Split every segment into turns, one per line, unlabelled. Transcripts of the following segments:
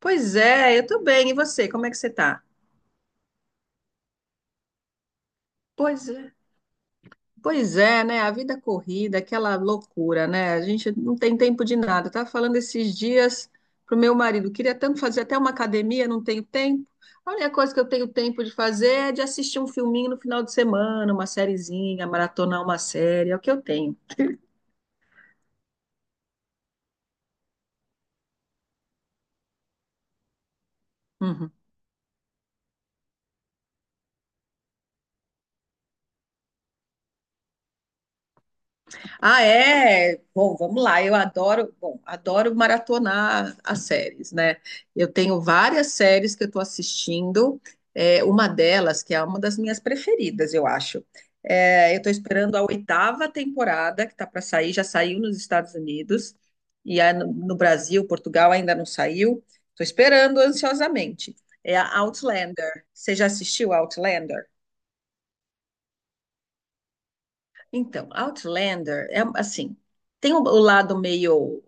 Pois é, eu tô bem. E você, como é que você tá? Pois é. Pois é, né? A vida corrida, aquela loucura, né? A gente não tem tempo de nada. Eu tava falando esses dias pro meu marido, queria tanto fazer até uma academia, não tenho tempo. A única coisa que eu tenho tempo de fazer é de assistir um filminho no final de semana, uma sériezinha, maratonar uma série, é o que eu tenho. Uhum. Ah, é? Bom, vamos lá. Eu adoro, bom, adoro maratonar as séries, né? Eu tenho várias séries que eu estou assistindo. É, uma delas, que é uma das minhas preferidas, eu acho. É, eu estou esperando a oitava temporada que está para sair, já saiu nos Estados Unidos, e é no Brasil, Portugal ainda não saiu. Estou esperando ansiosamente. É a Outlander. Você já assistiu Outlander? Então, Outlander é assim, tem o lado meio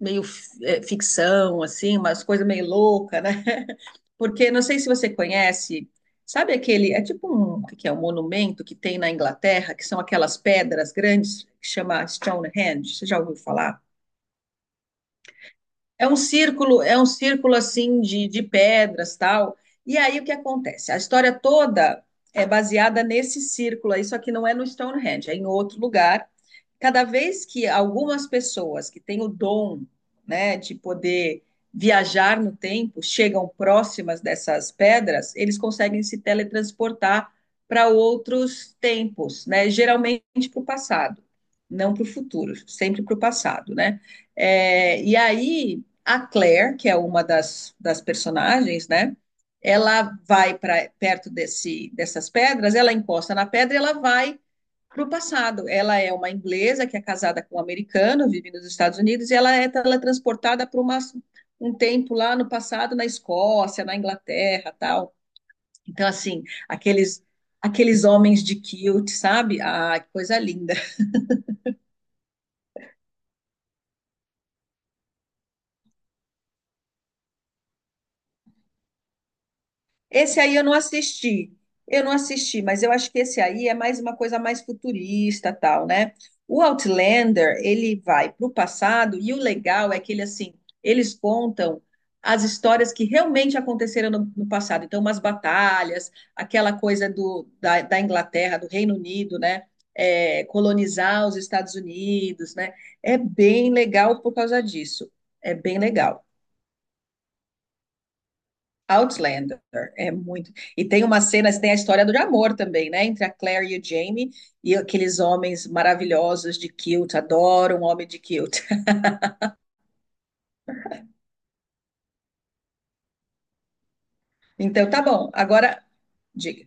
meio ficção, assim, umas coisas meio louca, né? Porque não sei se você conhece, sabe aquele, é tipo um, o que que é um monumento que tem na Inglaterra, que são aquelas pedras grandes que chama Stonehenge, você já ouviu falar? É um círculo assim de pedras, tal. E aí o que acontece? A história toda é baseada nesse círculo aí, só que não é no Stonehenge, é em outro lugar, cada vez que algumas pessoas que têm o dom, né, de poder viajar no tempo, chegam próximas dessas pedras, eles conseguem se teletransportar para outros tempos, né? Geralmente para o passado, não para o futuro, sempre para o passado, né? É, e aí a Claire, que é uma das personagens, né? Ela vai para perto dessas pedras, ela encosta na pedra e ela vai para o passado. Ela é uma inglesa que é casada com um americano, vive nos Estados Unidos, e ela é teletransportada para um tempo lá no passado, na Escócia, na Inglaterra, tal. Então, assim, aqueles homens de kilt, sabe? Ah, que coisa linda. Esse aí eu não assisti. Eu não assisti, mas eu acho que esse aí é mais uma coisa mais futurista, tal, né? O Outlander, ele vai para o passado e o legal é que ele assim, eles contam as histórias que realmente aconteceram no passado. Então, umas batalhas, aquela coisa da Inglaterra, do Reino Unido, né? É, colonizar os Estados Unidos, né? É bem legal por causa disso. É bem legal. Outlander, é muito. E tem uma cena, tem a história do amor também, né? Entre a Claire e o Jamie e aqueles homens maravilhosos de kilt. Adoro um homem de kilt. Então, tá bom. Agora, diga.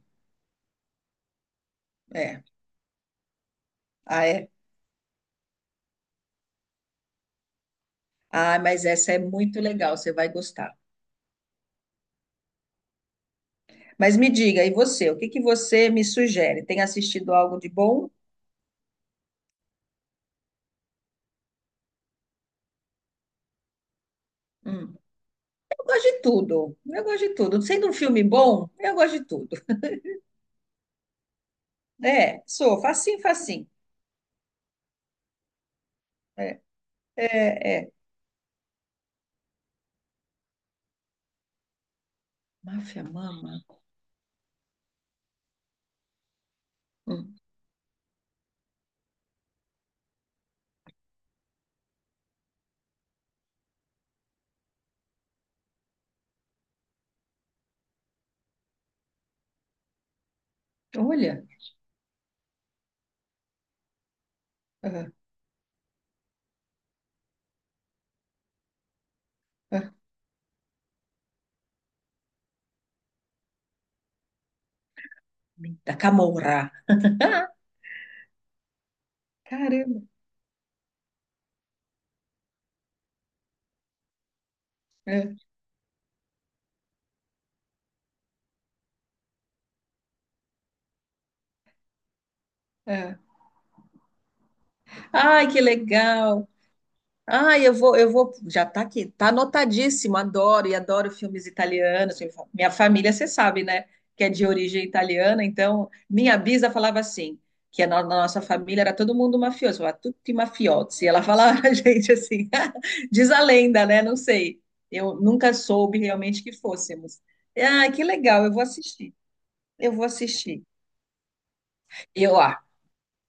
É. Ah, é. Ah, mas essa é muito legal, você vai gostar. Mas me diga, e você? O que que você me sugere? Tem assistido algo de bom? Hum. Eu gosto de tudo. Eu gosto de tudo. Sendo um filme bom, eu gosto de tudo. É, sou facinho, facinho. É, é, é. Máfia Mama. Hum. Olha, aham, aham. Da Camorra. Caramba. É, é. Ai, que legal. Ai, eu vou, eu vou. Já tá aqui, tá anotadíssimo. Adoro e adoro filmes italianos. Minha família, você sabe, né? Que é de origem italiana. Então, minha bisa falava assim, que na nossa família era todo mundo mafioso, era tutti mafiosi. Ela falava pra gente assim, diz a lenda, né? Não sei. Eu nunca soube realmente que fôssemos. Ah, que legal. Eu vou assistir. Eu vou assistir. Eu, ah,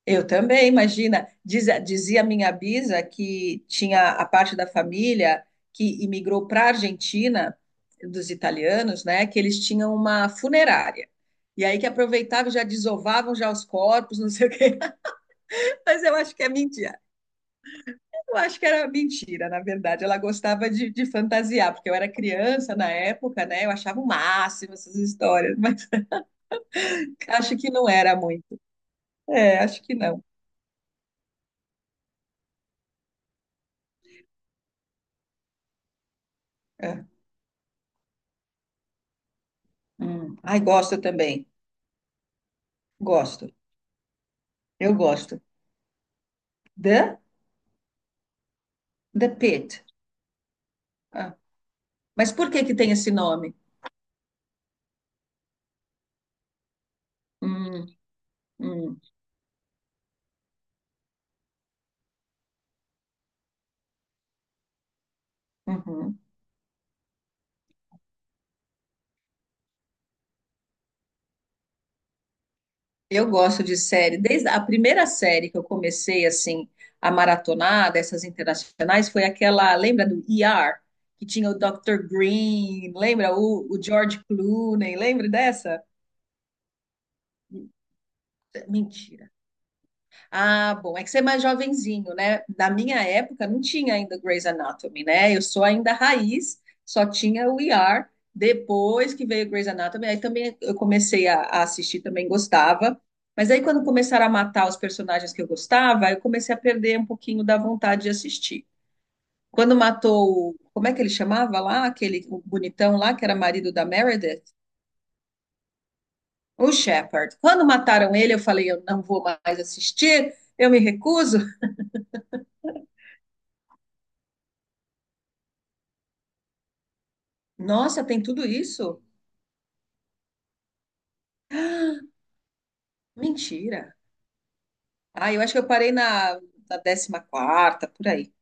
Eu também, imagina. Dizia minha bisa que tinha a parte da família que imigrou para a Argentina, dos italianos, né? Que eles tinham uma funerária. E aí que aproveitavam, já desovavam já os corpos, não sei o quê. Mas eu acho que é mentira. Eu acho que era mentira, na verdade. Ela gostava de fantasiar, porque eu era criança na época, né? Eu achava o máximo essas histórias, mas acho que não era muito. É, acho que não. É. Ai, gosto também. Gosto. Eu gosto. The, the Pit. Ah, mas por que que tem esse nome? Hum, hum, uhum. Eu gosto de série. Desde a primeira série que eu comecei assim a maratonar dessas internacionais foi aquela, lembra do ER, que tinha o Dr. Green, lembra o George Clooney, lembra dessa? Mentira. Ah, bom, é que você é mais jovenzinho, né? Na minha época não tinha ainda Grey's Anatomy, né? Eu sou ainda raiz, só tinha o ER. Depois que veio Grey's Anatomy, aí também eu comecei a assistir, também gostava. Mas aí quando começaram a matar os personagens que eu gostava, aí eu comecei a perder um pouquinho da vontade de assistir. Quando matou, como é que ele chamava lá? Aquele o bonitão lá que era marido da Meredith? O Shepard. Quando mataram ele, eu falei, eu não vou mais assistir, eu me recuso. Nossa, tem tudo isso? Mentira. Ah, eu acho que eu parei na 14ª, por aí.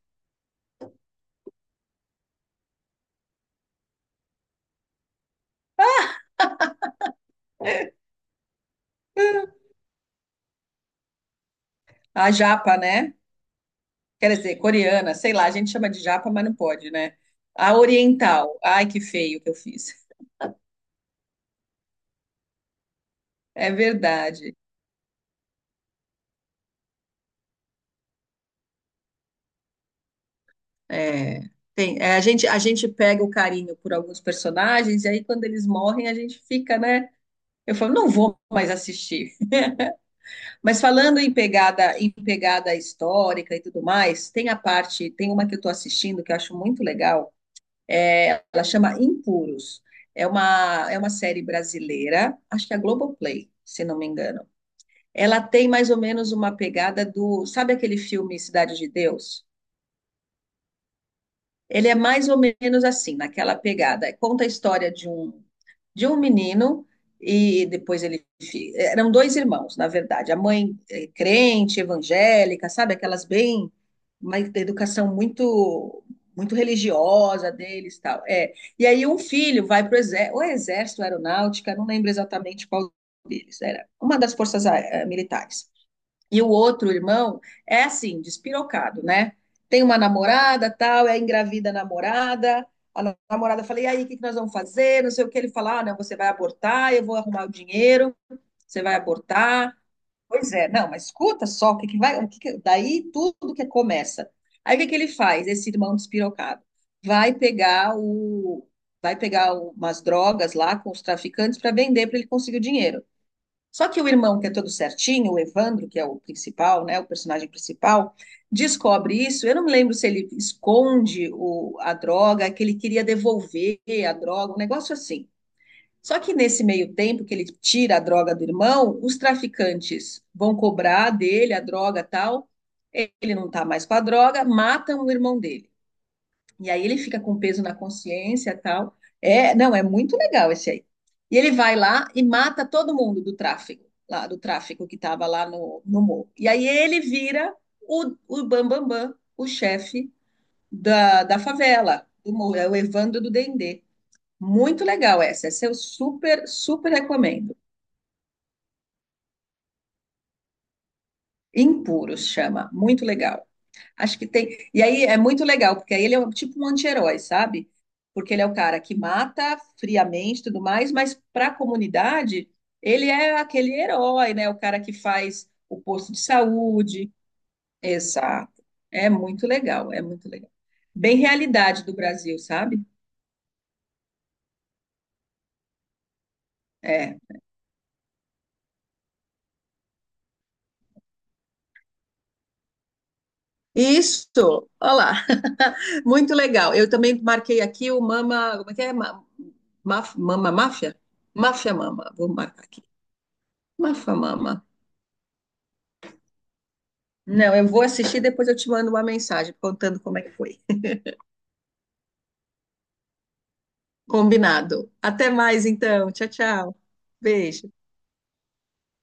A japa, né? Quer dizer, coreana, sei lá, a gente chama de japa, mas não pode, né? A oriental. Ai, que feio que eu fiz. É verdade. É, tem, a gente pega o carinho por alguns personagens e aí quando eles morrem a gente fica, né? Eu falo, não vou mais assistir. Mas falando em pegada, histórica e tudo mais, tem uma que eu estou assistindo que eu acho muito legal. É, ela chama Impuros. É uma série brasileira, acho que é a Globoplay, se não me engano. Ela tem mais ou menos uma pegada do. Sabe aquele filme Cidade de Deus? Ele é mais ou menos assim, naquela pegada. Conta a história de um menino e depois ele. Eram dois irmãos, na verdade. A mãe é crente, evangélica, sabe? Aquelas bem. Uma educação muito muito religiosa deles, tal. É. E aí um filho vai para o exército, aeronáutica, não lembro exatamente qual deles, era uma das forças militares. E o outro irmão é assim, despirocado, né? Tem uma namorada, tal, engravida a namorada. A namorada fala: "E aí, o que que nós vamos fazer?" Não sei o que ele fala: "Ah, não, você vai abortar, eu vou arrumar o dinheiro, você vai abortar". Pois é, não, mas escuta só o que que vai, daí tudo que começa. Aí o que que ele faz, esse irmão despirocado? Vai pegar o vai pegar umas drogas lá com os traficantes para vender para ele conseguir o dinheiro. Só que o irmão, que é todo certinho, o Evandro, que é o principal, né, o personagem principal, descobre isso. Eu não me lembro se ele esconde a droga, que ele queria devolver a droga, um negócio assim. Só que nesse meio tempo que ele tira a droga do irmão, os traficantes vão cobrar dele a droga e tal. Ele não está mais com a droga, matam o irmão dele. E aí ele fica com peso na consciência e tal. É, não, é muito legal esse aí. E ele vai lá e mata todo mundo do tráfico, lá do tráfico que estava lá no morro. E aí ele vira o Bam Bam Bam, o chefe da favela, do morro, é o Evandro do Dendê. Muito legal essa. Eu super, super recomendo. Impuros chama, muito legal. Acho que tem. E aí é muito legal, porque aí ele é tipo um anti-herói, sabe? Porque ele é o cara que mata friamente e tudo mais, mas para a comunidade, ele é aquele herói, né? O cara que faz o posto de saúde. Exato. É muito legal, é muito legal. Bem realidade do Brasil, sabe? É. Isso, olha lá. Muito legal. Eu também marquei aqui o Mama. Como é que é? Mama Máfia? Máfia Mama. Vou marcar aqui. Máfia Mama. Não, eu vou assistir, e depois eu te mando uma mensagem contando como é que foi. Combinado. Até mais então. Tchau, tchau. Beijo.